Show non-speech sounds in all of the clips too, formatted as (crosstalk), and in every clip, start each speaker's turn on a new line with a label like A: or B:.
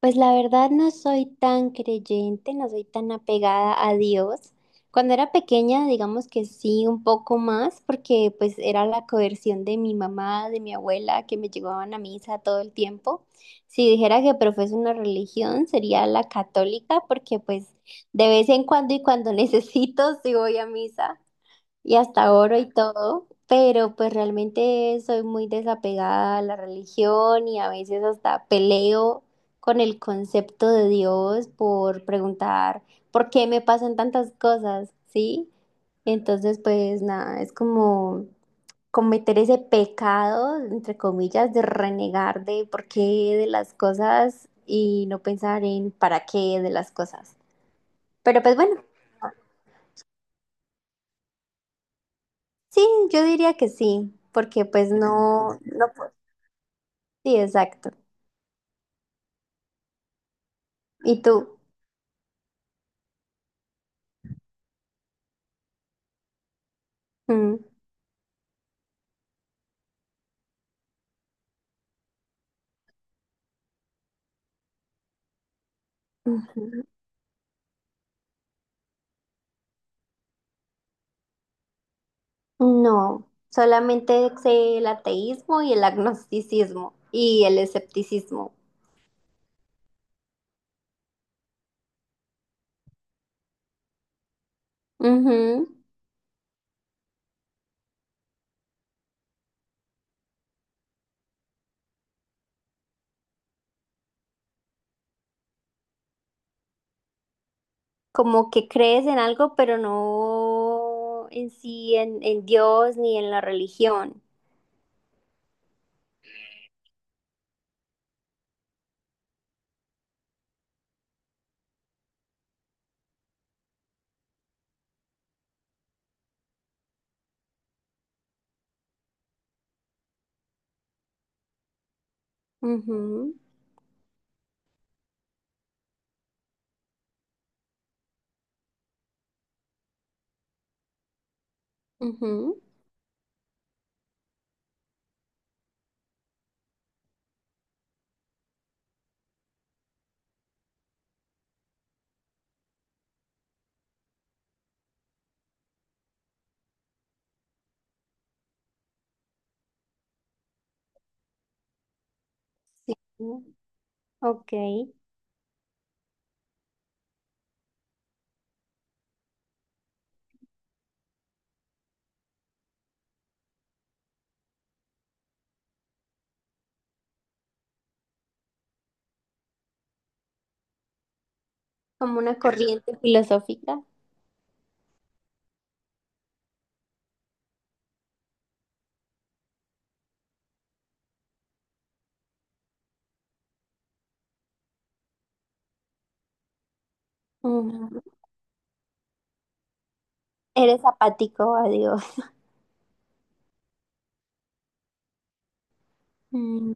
A: Pues la verdad no soy tan creyente, no soy tan apegada a Dios. Cuando era pequeña, digamos que sí, un poco más, porque pues era la coerción de mi mamá, de mi abuela, que me llevaban a misa todo el tiempo. Si dijera que profeso una religión, sería la católica, porque pues de vez en cuando y cuando (laughs) necesito, sí voy a misa y hasta oro y todo, pero pues realmente soy muy desapegada a la religión y a veces hasta peleo con el concepto de Dios por preguntar por qué me pasan tantas cosas, ¿sí? Entonces, pues nada, es como cometer ese pecado, entre comillas, de renegar de por qué de las cosas y no pensar en para qué de las cosas. Pero pues bueno. Sí, yo diría que sí, porque pues no, no, sí, exacto. ¿Y tú? Mm, ujú. No, solamente sé el ateísmo y el agnosticismo y el escepticismo. Ujú. Como que crees en algo, pero no en sí, en Dios ni en la religión. Ujú, ujú. Ok, como una corriente filosófica. Ujú. Eres apático a Dios. Mm,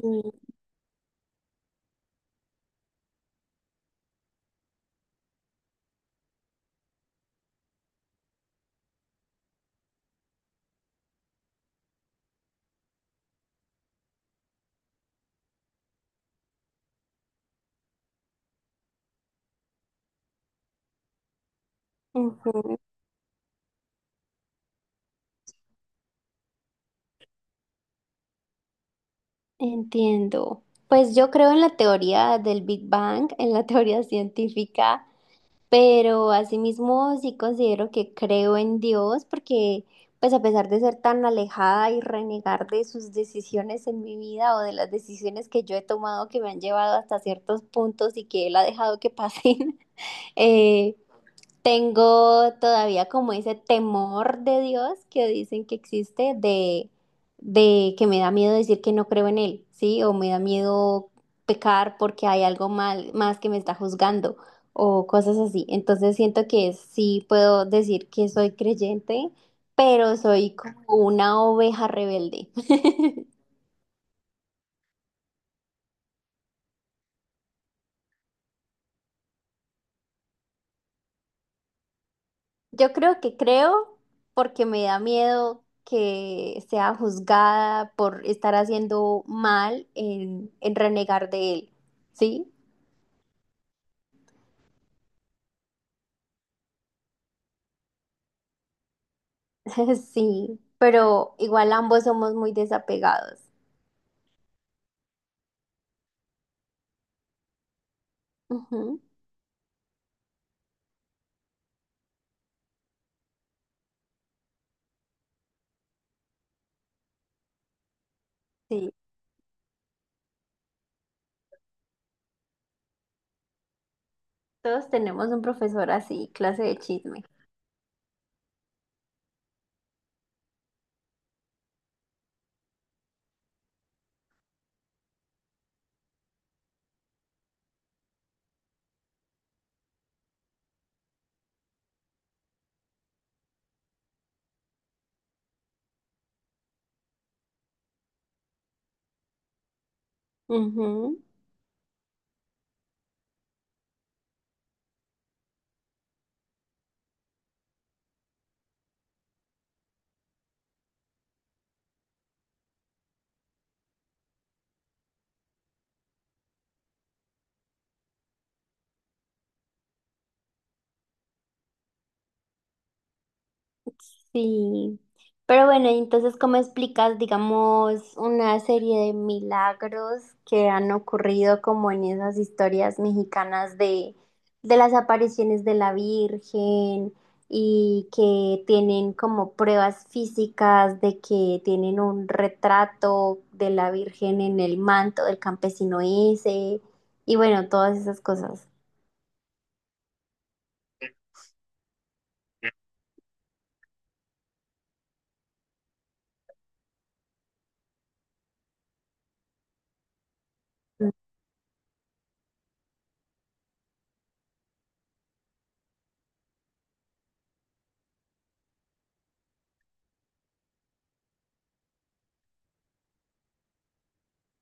A: sí. Ujú. Entiendo. Pues yo creo en la teoría del Big Bang, en la (laughs) teoría científica, pero asimismo sí considero que creo en Dios porque pues a pesar de ser tan alejada y renegar de sus decisiones en mi vida o de las decisiones que yo he tomado que me han llevado hasta ciertos puntos y que Él ha dejado que pasen, (laughs) eh, tengo todavía como ese temor de Dios que dicen que existe de que me da miedo decir que no creo en Él, ¿sí? O me da miedo pecar porque hay algo mal, más que me está juzgando o cosas así. Entonces siento que sí puedo decir que soy creyente, pero soy como una oveja rebelde. Yo creo que creo porque me da miedo que sea juzgada por estar haciendo mal en, renegar de él, ¿sí? (laughs) Sí, pero igual ambos somos muy desapegados. Ujú, sí, todos tenemos un profesor así, clase de chisme. Ujú. Sí, pero bueno, y entonces, ¿cómo explicas, digamos, una serie de milagros que han ocurrido como en esas historias mexicanas de, las apariciones de la Virgen y que tienen como pruebas físicas de que tienen un retrato de la Virgen en el manto del campesino ese y bueno, todas esas cosas?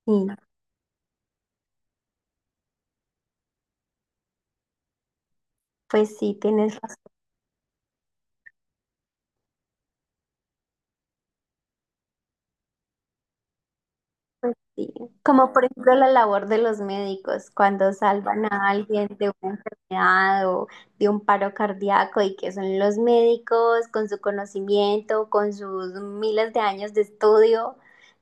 A: Sí, pues sí, tienes razón. Sí, como por ejemplo la labor de los médicos cuando salvan a alguien de una enfermedad o de un paro cardíaco y que son los médicos con su conocimiento, con sus miles de años de estudio,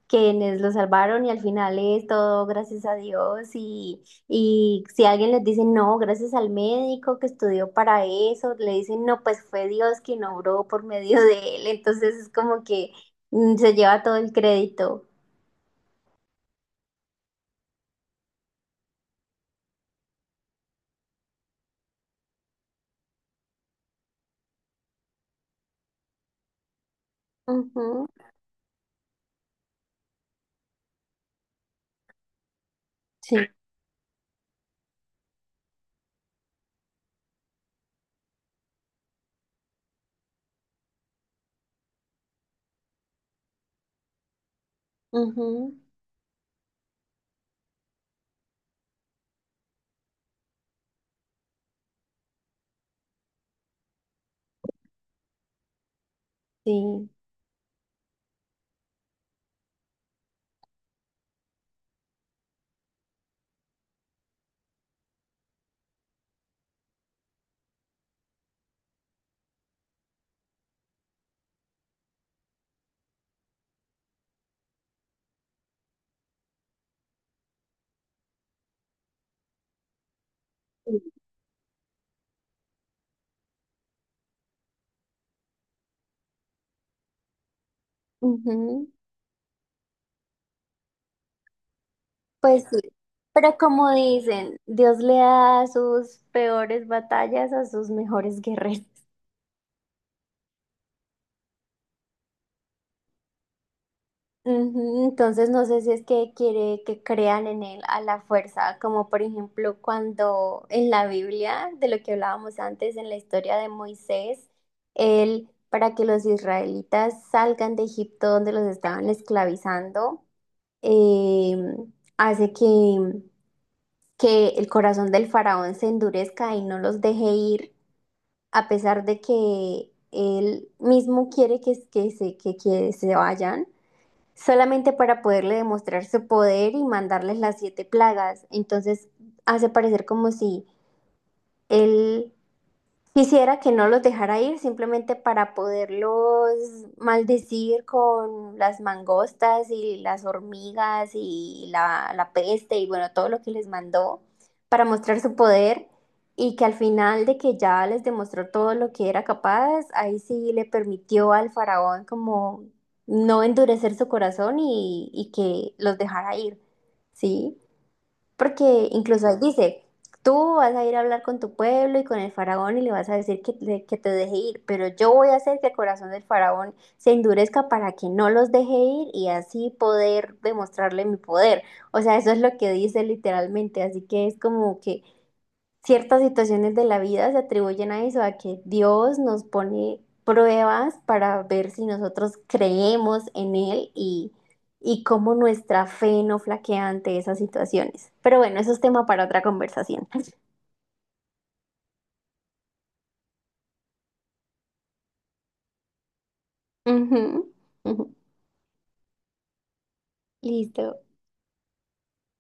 A: quienes lo salvaron y al final es todo gracias a Dios y si alguien les dice no, gracias al médico que estudió para eso, le dicen no, pues fue Dios quien obró por medio de él, entonces es como que mm, se lleva todo el crédito. Ujú, Sí. Ujú, sí. Sí. Ujú. Pues sí, pero como dicen, Dios le da sus peores batallas a sus mejores guerreros. (laughs) Ujú. Entonces no sé si es que quiere que crean en él a la fuerza, como por ejemplo cuando en la Biblia, de lo que hablábamos antes en la historia de Moisés, él, para que los israelitas salgan de Egipto donde los estaban esclavizando, em, hace que el corazón del faraón se endurezca y no los deje ir, a pesar de que él mismo quiere que se vayan, solamente para poderle demostrar su poder y mandarles las siete plagas. Entonces hace parecer como si él quisiera que no los dejara ir simplemente para poderlos maldecir con las mangostas y las hormigas y la peste y bueno, todo lo que les mandó para mostrar su poder y que al final de que ya les demostró todo lo que era capaz, ahí sí le permitió al faraón como no endurecer su corazón y que los dejara ir, ¿sí? Porque incluso ahí dice, tú vas a ir a hablar con tu pueblo y con el faraón y le vas a decir que, que te deje ir, pero yo voy a hacer que el corazón del faraón se endurezca para que no los deje ir y así poder demostrarle mi poder. O sea, eso es lo que dice literalmente, así que es como que ciertas situaciones de la vida se atribuyen a eso, a que Dios nos pone pruebas para ver si nosotros creemos en Él y cómo nuestra fe no flaquea ante esas situaciones. Pero bueno, eso es tema para otra conversación. (laughs) Ujú, ujú. Listo.